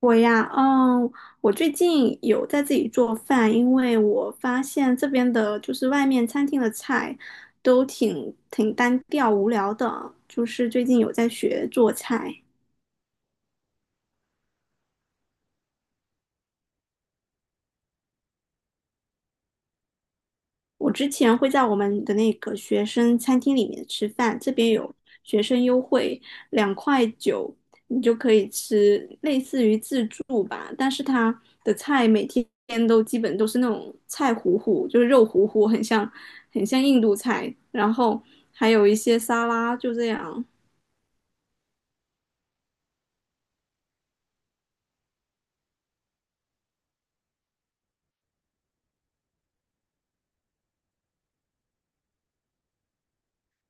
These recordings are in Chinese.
我呀，我最近有在自己做饭，因为我发现这边的就是外面餐厅的菜都挺单调无聊的，就是最近有在学做菜。我之前会在我们的那个学生餐厅里面吃饭，这边有学生优惠，2.9块，你就可以吃类似于自助吧，但是它的菜每天都基本都是那种菜糊糊，就是肉糊糊，很像印度菜，然后还有一些沙拉，就这样。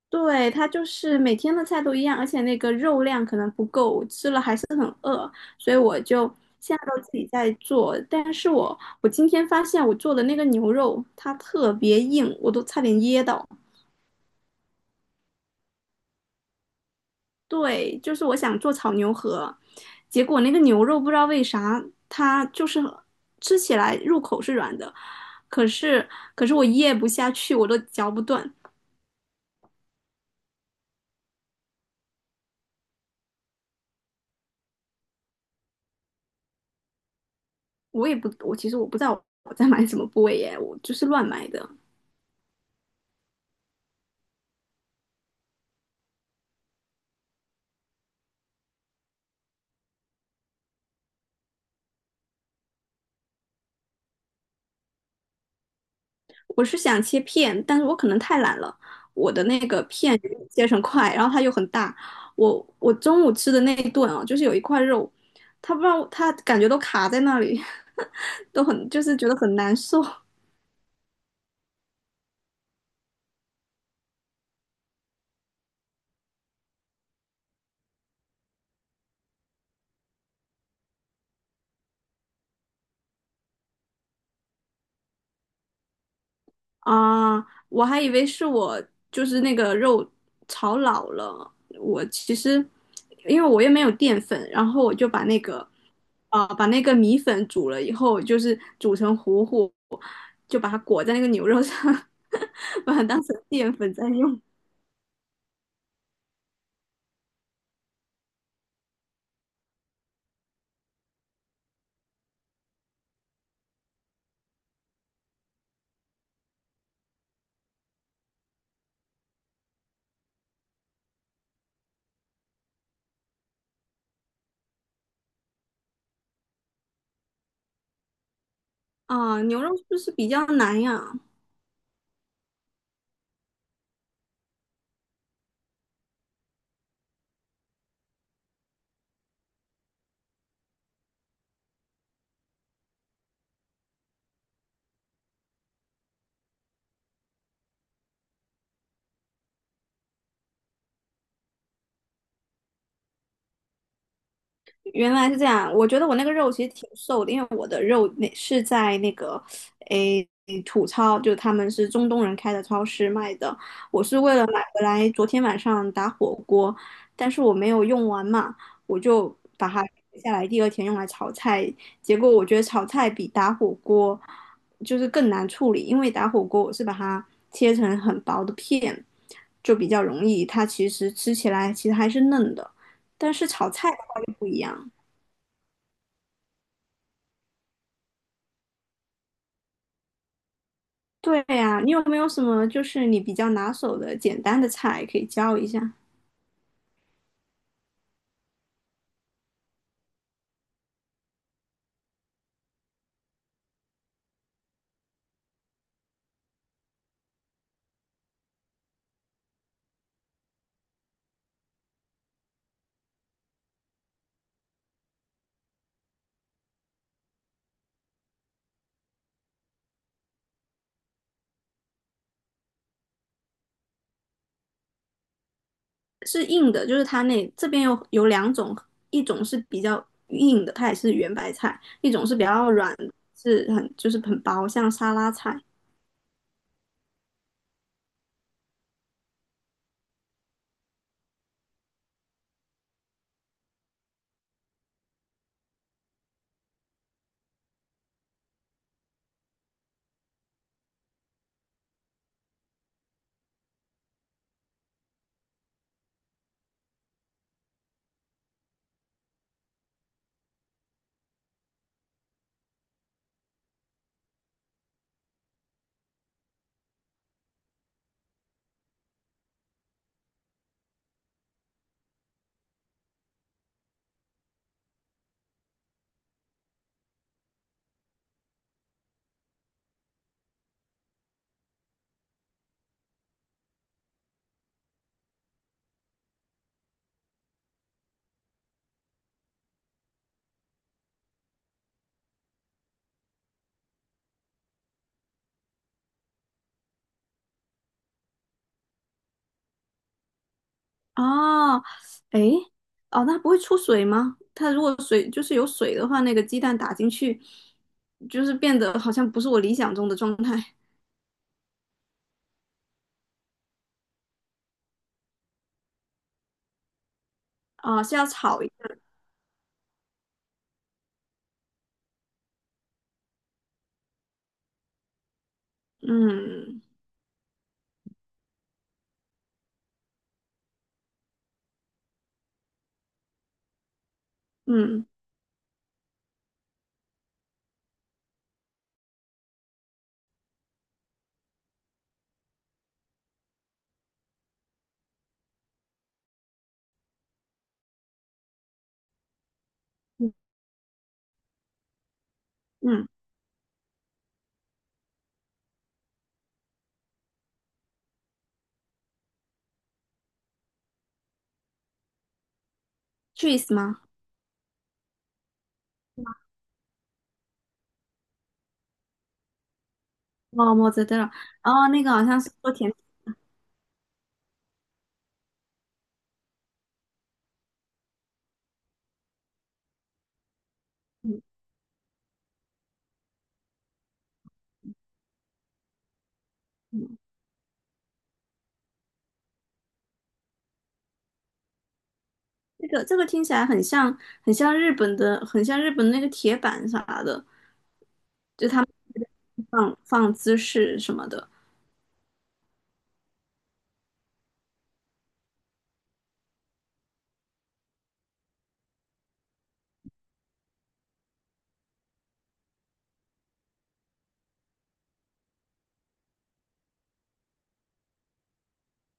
对，它就是每天的菜都一样，而且那个肉量可能不够，我吃了还是很饿，所以我就现在都自己在做。但是我今天发现我做的那个牛肉它特别硬，我都差点噎到。对，就是我想做炒牛河，结果那个牛肉不知道为啥它就是吃起来入口是软的，可是可是我噎不下去，我都嚼不断。我其实我不知道我在买什么部位耶，我就是乱买的。我是想切片，但是我可能太懒了，我的那个片切成块，然后它又很大。我中午吃的那一顿啊，就是有一块肉，它不知道它感觉都卡在那里，都很就是觉得很难受。啊，我还以为是我就是那个肉炒老了。我其实因为我也没有淀粉，然后我就把那个把那个米粉煮了以后，就是煮成糊糊，就把它裹在那个牛肉上，把它当成淀粉在用。啊，牛肉是不是比较难呀？原来是这样，我觉得我那个肉其实挺瘦的，因为我的肉那是在那个诶土超，就他们是中东人开的超市卖的。我是为了买回来，昨天晚上打火锅，但是我没有用完嘛，我就把它留下来，第二天用来炒菜。结果我觉得炒菜比打火锅就是更难处理，因为打火锅我是把它切成很薄的片，就比较容易，它其实吃起来其实还是嫩的，但是炒菜的话就不一样。对呀，你有没有什么就是你比较拿手的简单的菜可以教一下？是硬的，就是它那这边有两种，一种是比较硬的，它也是圆白菜；一种是比较软的是很就是很薄，像沙拉菜。哦，诶，哦，那不会出水吗？它如果水就是有水的话，那个鸡蛋打进去，就是变得好像不是我理想中的状态啊，是要炒一下，嗯嗯嗯嗯，cheese 吗？哦，莫扎特拉，哦，那个好像是做甜品的，这个这个听起来很像，很像日本的，很像日本的那个铁板啥的，放放芝士什么的。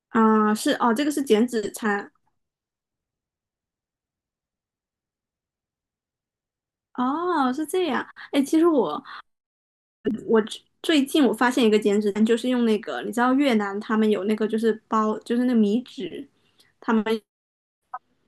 是哦，这个是减脂餐，哦，是这样。哎，其实我最近我发现一个减脂餐，就是用那个，你知道越南他们有那个就是包，就是那个米纸，他们。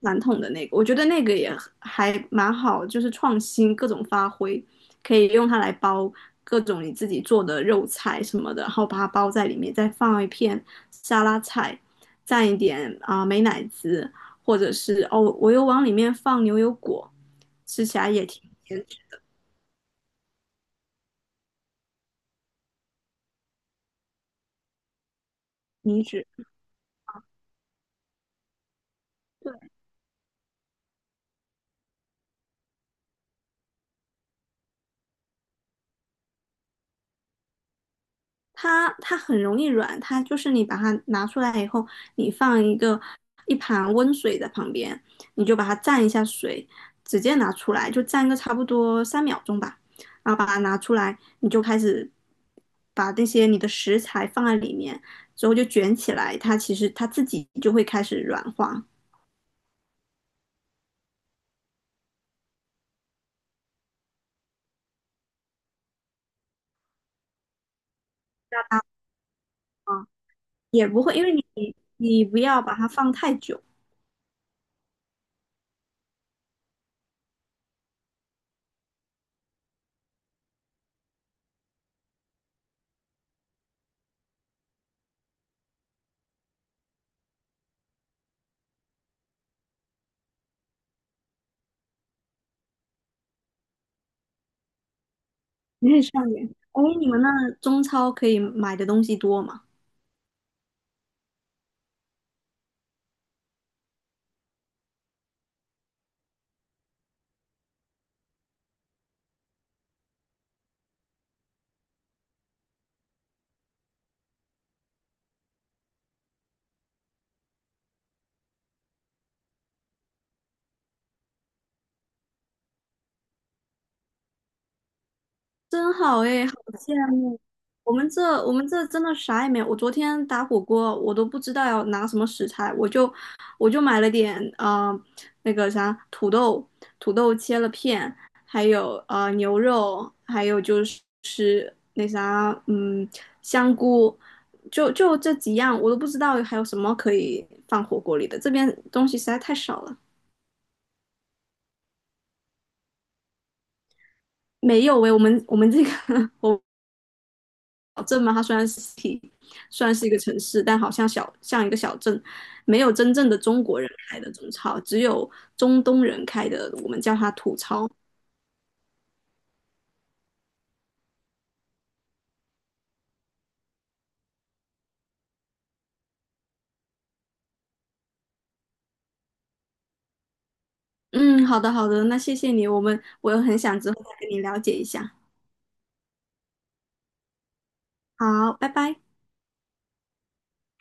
传统的那个，我觉得那个也还蛮好，就是创新各种发挥，可以用它来包各种你自己做的肉菜什么的，然后把它包在里面，再放一片沙拉菜，蘸一点美乃滋，或者是哦，我又往里面放牛油果，吃起来也挺甜，腻脂。它很容易软，它就是你把它拿出来以后，你放一个一盘温水在旁边，你就把它蘸一下水，直接拿出来，就蘸个差不多3秒钟吧，然后把它拿出来，你就开始把那些你的食材放在里面，之后就卷起来，它其实它自己就会开始软化，也不会，因为你你不要把它放太久，有点上瘾。哎，你们那中超可以买的东西多吗？真好哎，好羡慕！我们这我们这真的啥也没有。我昨天打火锅，我都不知道要拿什么食材，我就买了点那个啥土豆，土豆切了片，还有牛肉，还有就是那啥香菇，就这几样，我都不知道还有什么可以放火锅里的。这边东西实在太少了，没有喂，我们这个 我镇嘛，它虽然是算是一个城市，但好像小像一个小镇，没有真正的中国人开的中超，只有中东人开的，我们叫它土超。嗯，好的好的，那谢谢你，我很想之后再跟你了解一下。好，拜拜。